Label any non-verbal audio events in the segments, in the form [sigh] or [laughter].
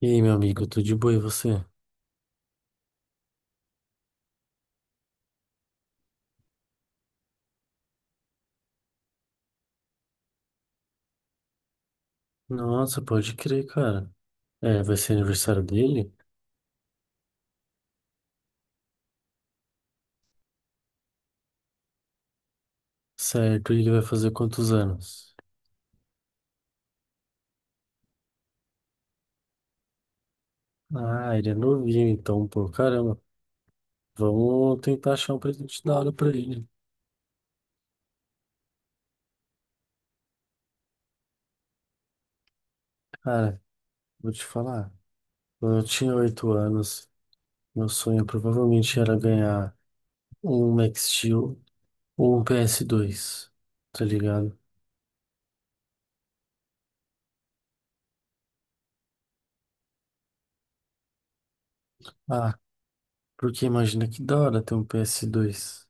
E aí, meu amigo, tudo de boa e você? Nossa, pode crer, cara. É, vai ser aniversário dele? Certo, e ele vai fazer quantos anos? Ah, ele é novinho, então, pô, caramba. Vamos tentar achar um presente da hora pra ele. Cara, vou te falar. Quando eu tinha 8 anos, meu sonho provavelmente era ganhar um Max Steel ou um ps dois. Tá ligado? Ah, porque imagina que da hora ter um ps dois.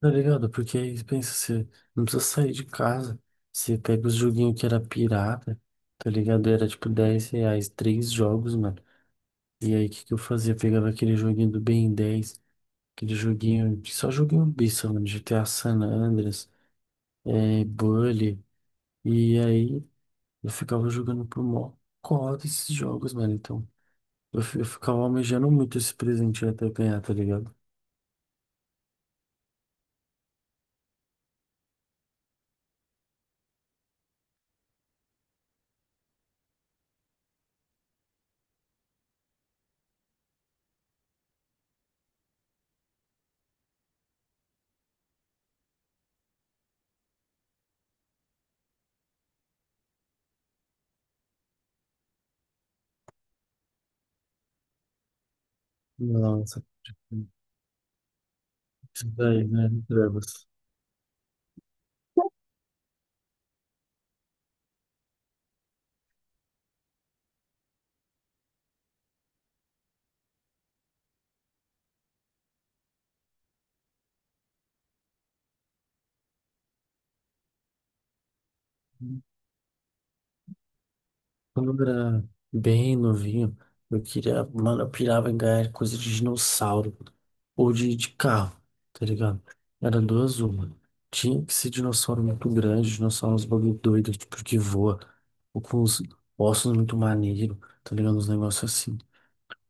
Tá ligado? Porque aí pensa, você não precisa sair de casa. Você pega os joguinhos que era pirata, tá ligado? Era tipo 10 reais, três jogos, mano. E aí o que que eu fazia? Pegava aquele joguinho do Ben 10 aquele joguinho, só joguinho besta, mano. GTA San Andreas, é, Bully. E aí eu ficava jogando pro mó cota esses jogos, mano. Então eu ficava almejando muito esse presente até ganhar, tá ligado? Nossa, isso daí, né? Trevas. Quando eu era bem novinho, eu queria, mano, eu pirava em ganhar coisa de dinossauro ou de carro, tá ligado? Era duas uma. Tinha que ser dinossauro muito grande, dinossauro uns bagulho doido, tipo que voa, ou com os ossos muito maneiro, tá ligado? Uns negócios assim.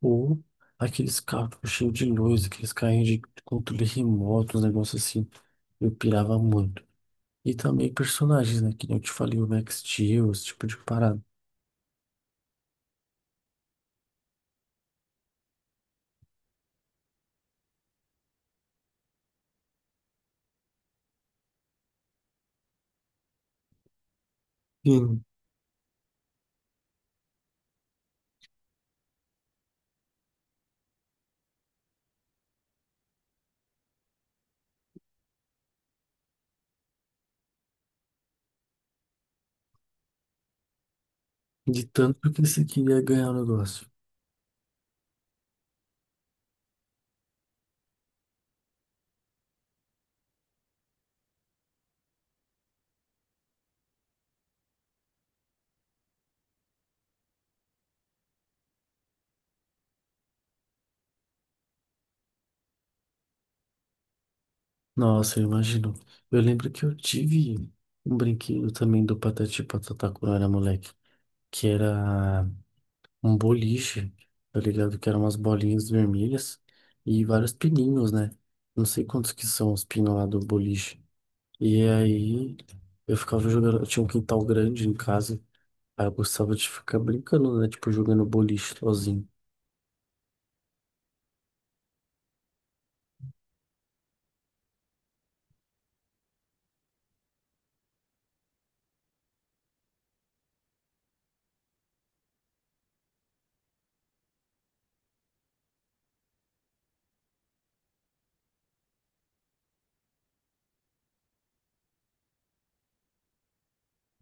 Ou aqueles carros tipo, cheios de luz, aqueles carrinhos de controle remoto, uns negócios assim. Eu pirava muito. E também personagens, né? Que nem eu te falei, o Max Steel, esse tipo de parada. De tanto que você queria ganhar o negócio. Nossa, eu imagino. Eu lembro que eu tive um brinquedo também do Patati e Patatá quando eu era moleque, que era um boliche, tá ligado? Que eram umas bolinhas vermelhas e vários pininhos, né? Não sei quantos que são os pinos lá do boliche. E aí eu ficava jogando, eu tinha um quintal grande em casa, aí eu gostava de ficar brincando, né? Tipo, jogando boliche sozinho.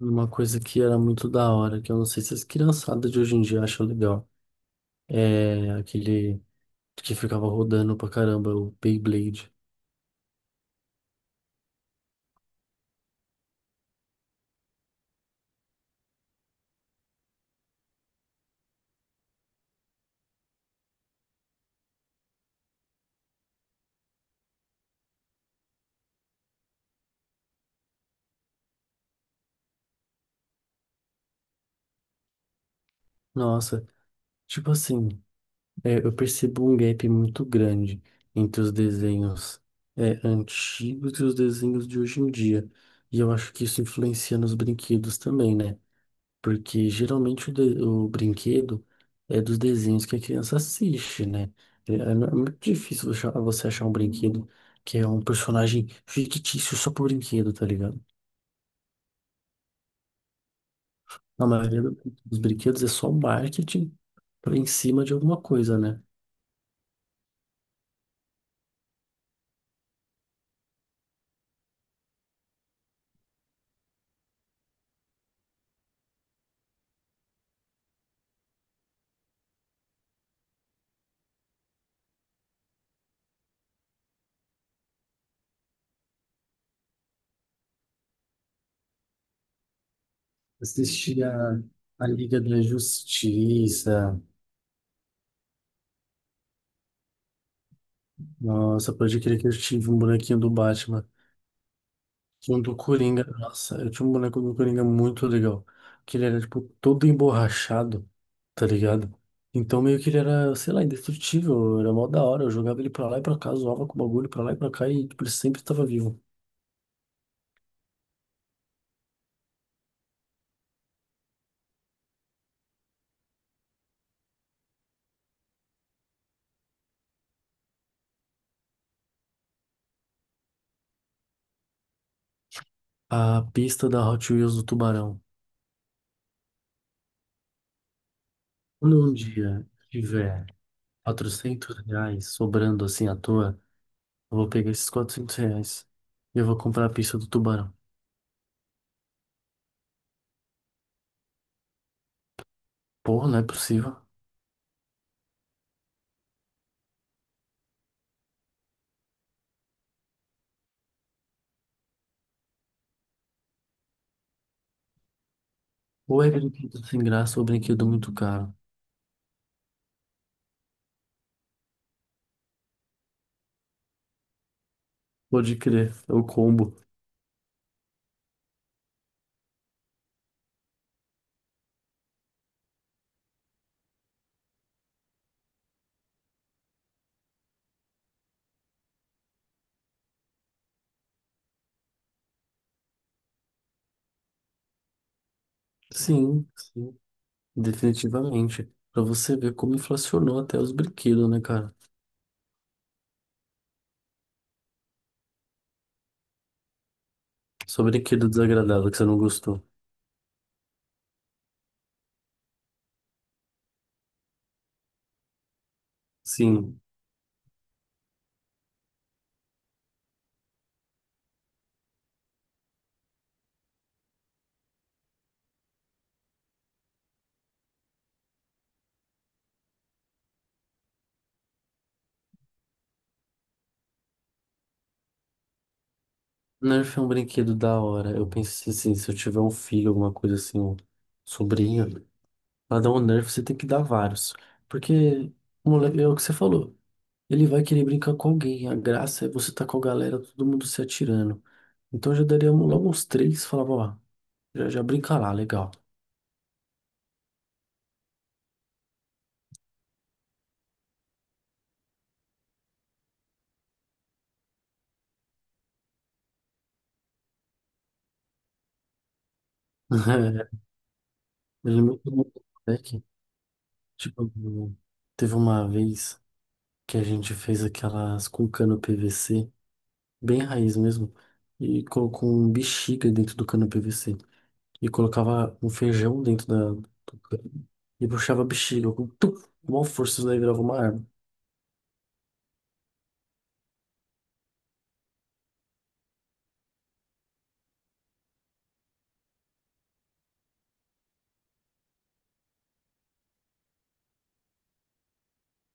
Uma coisa que era muito da hora, que eu não sei se as criançadas de hoje em dia acham legal. É, aquele que ficava rodando pra caramba, o Beyblade. Nossa, tipo assim, é, eu percebo um gap muito grande entre os desenhos antigos e os desenhos de hoje em dia. E eu acho que isso influencia nos brinquedos também, né? Porque geralmente o brinquedo é dos desenhos que a criança assiste, né? É, é muito difícil você achar um brinquedo que é um personagem fictício só pro brinquedo, tá ligado? A maioria dos brinquedos é só marketing para em cima de alguma coisa, né? Assisti a Liga da Justiça. Nossa, pode crer que eu tive um bonequinho do Batman. Um do Coringa. Nossa, eu tinha um boneco do Coringa muito legal. Que ele era, tipo, todo emborrachado, tá ligado? Então meio que ele era, sei lá, indestrutível. Era mó da hora. Eu jogava ele pra lá e pra cá, zoava com o bagulho pra lá e pra cá e, tipo, ele sempre tava vivo. A pista da Hot Wheels do Tubarão. Quando um dia tiver 400 reais sobrando assim à toa, eu vou pegar esses 400 reais e eu vou comprar a pizza do tubarão. Porra, não é possível. Ou é brinquedo sem graça ou é brinquedo muito caro. Pode crer, é o combo. Sim, definitivamente. Pra você ver como inflacionou até os brinquedos, né, cara? Só brinquedo desagradável que você não gostou. Sim, Nerf é um brinquedo da hora. Eu pensei assim, se eu tiver um filho, alguma coisa assim, um sobrinho, pra dar um nerf, você tem que dar vários. Porque, moleque, é o que você falou. Ele vai querer brincar com alguém. A graça é você tá com a galera, todo mundo se atirando. Então eu já daria logo uns três, falava, ó, já brinca lá, legal. [laughs] Eu lembro que um moleque, tipo, teve uma vez que a gente fez aquelas com cano PVC, bem raiz mesmo, e colocou um bexiga dentro do cano PVC. E colocava um feijão dentro da. E puxava a bexiga com tum, com uma força, isso daí virava uma arma.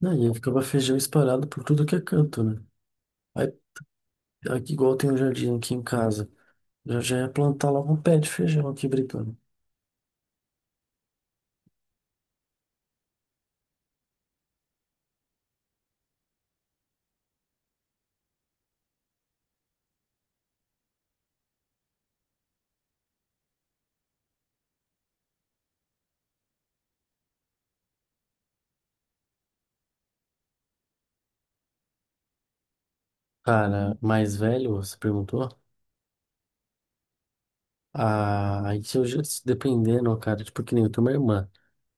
Aí eu ficava feijão espalhado por tudo que é canto, né? Aí, aqui, igual tem um jardim aqui em casa, eu já ia plantar logo um pé de feijão aqui brincando. Cara, mais velho, você perguntou? Ah, aí se se dependendo, cara, tipo que nem eu tenho uma irmã,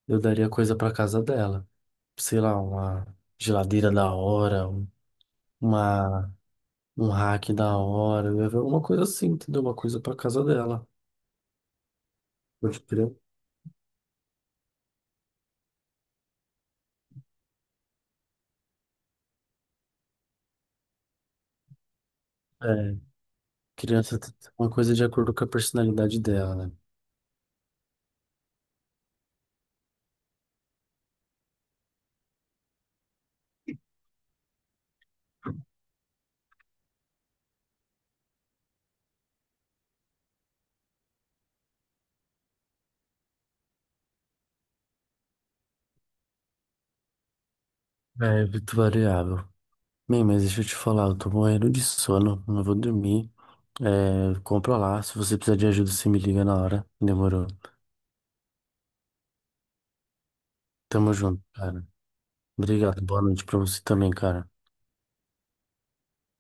eu daria coisa pra casa dela. Sei lá, uma geladeira da hora, uma um hack da hora, né? Uma coisa assim, entendeu? Uma coisa pra casa dela. Pode crer. É, criança tem uma coisa de acordo com a personalidade dela, né? É muito variável. Bem, mas deixa eu te falar, eu tô morrendo de sono, não vou dormir. É, compra lá, se você precisar de ajuda, você me liga na hora. Demorou. Tamo junto, cara. Obrigado, boa noite pra você também, cara.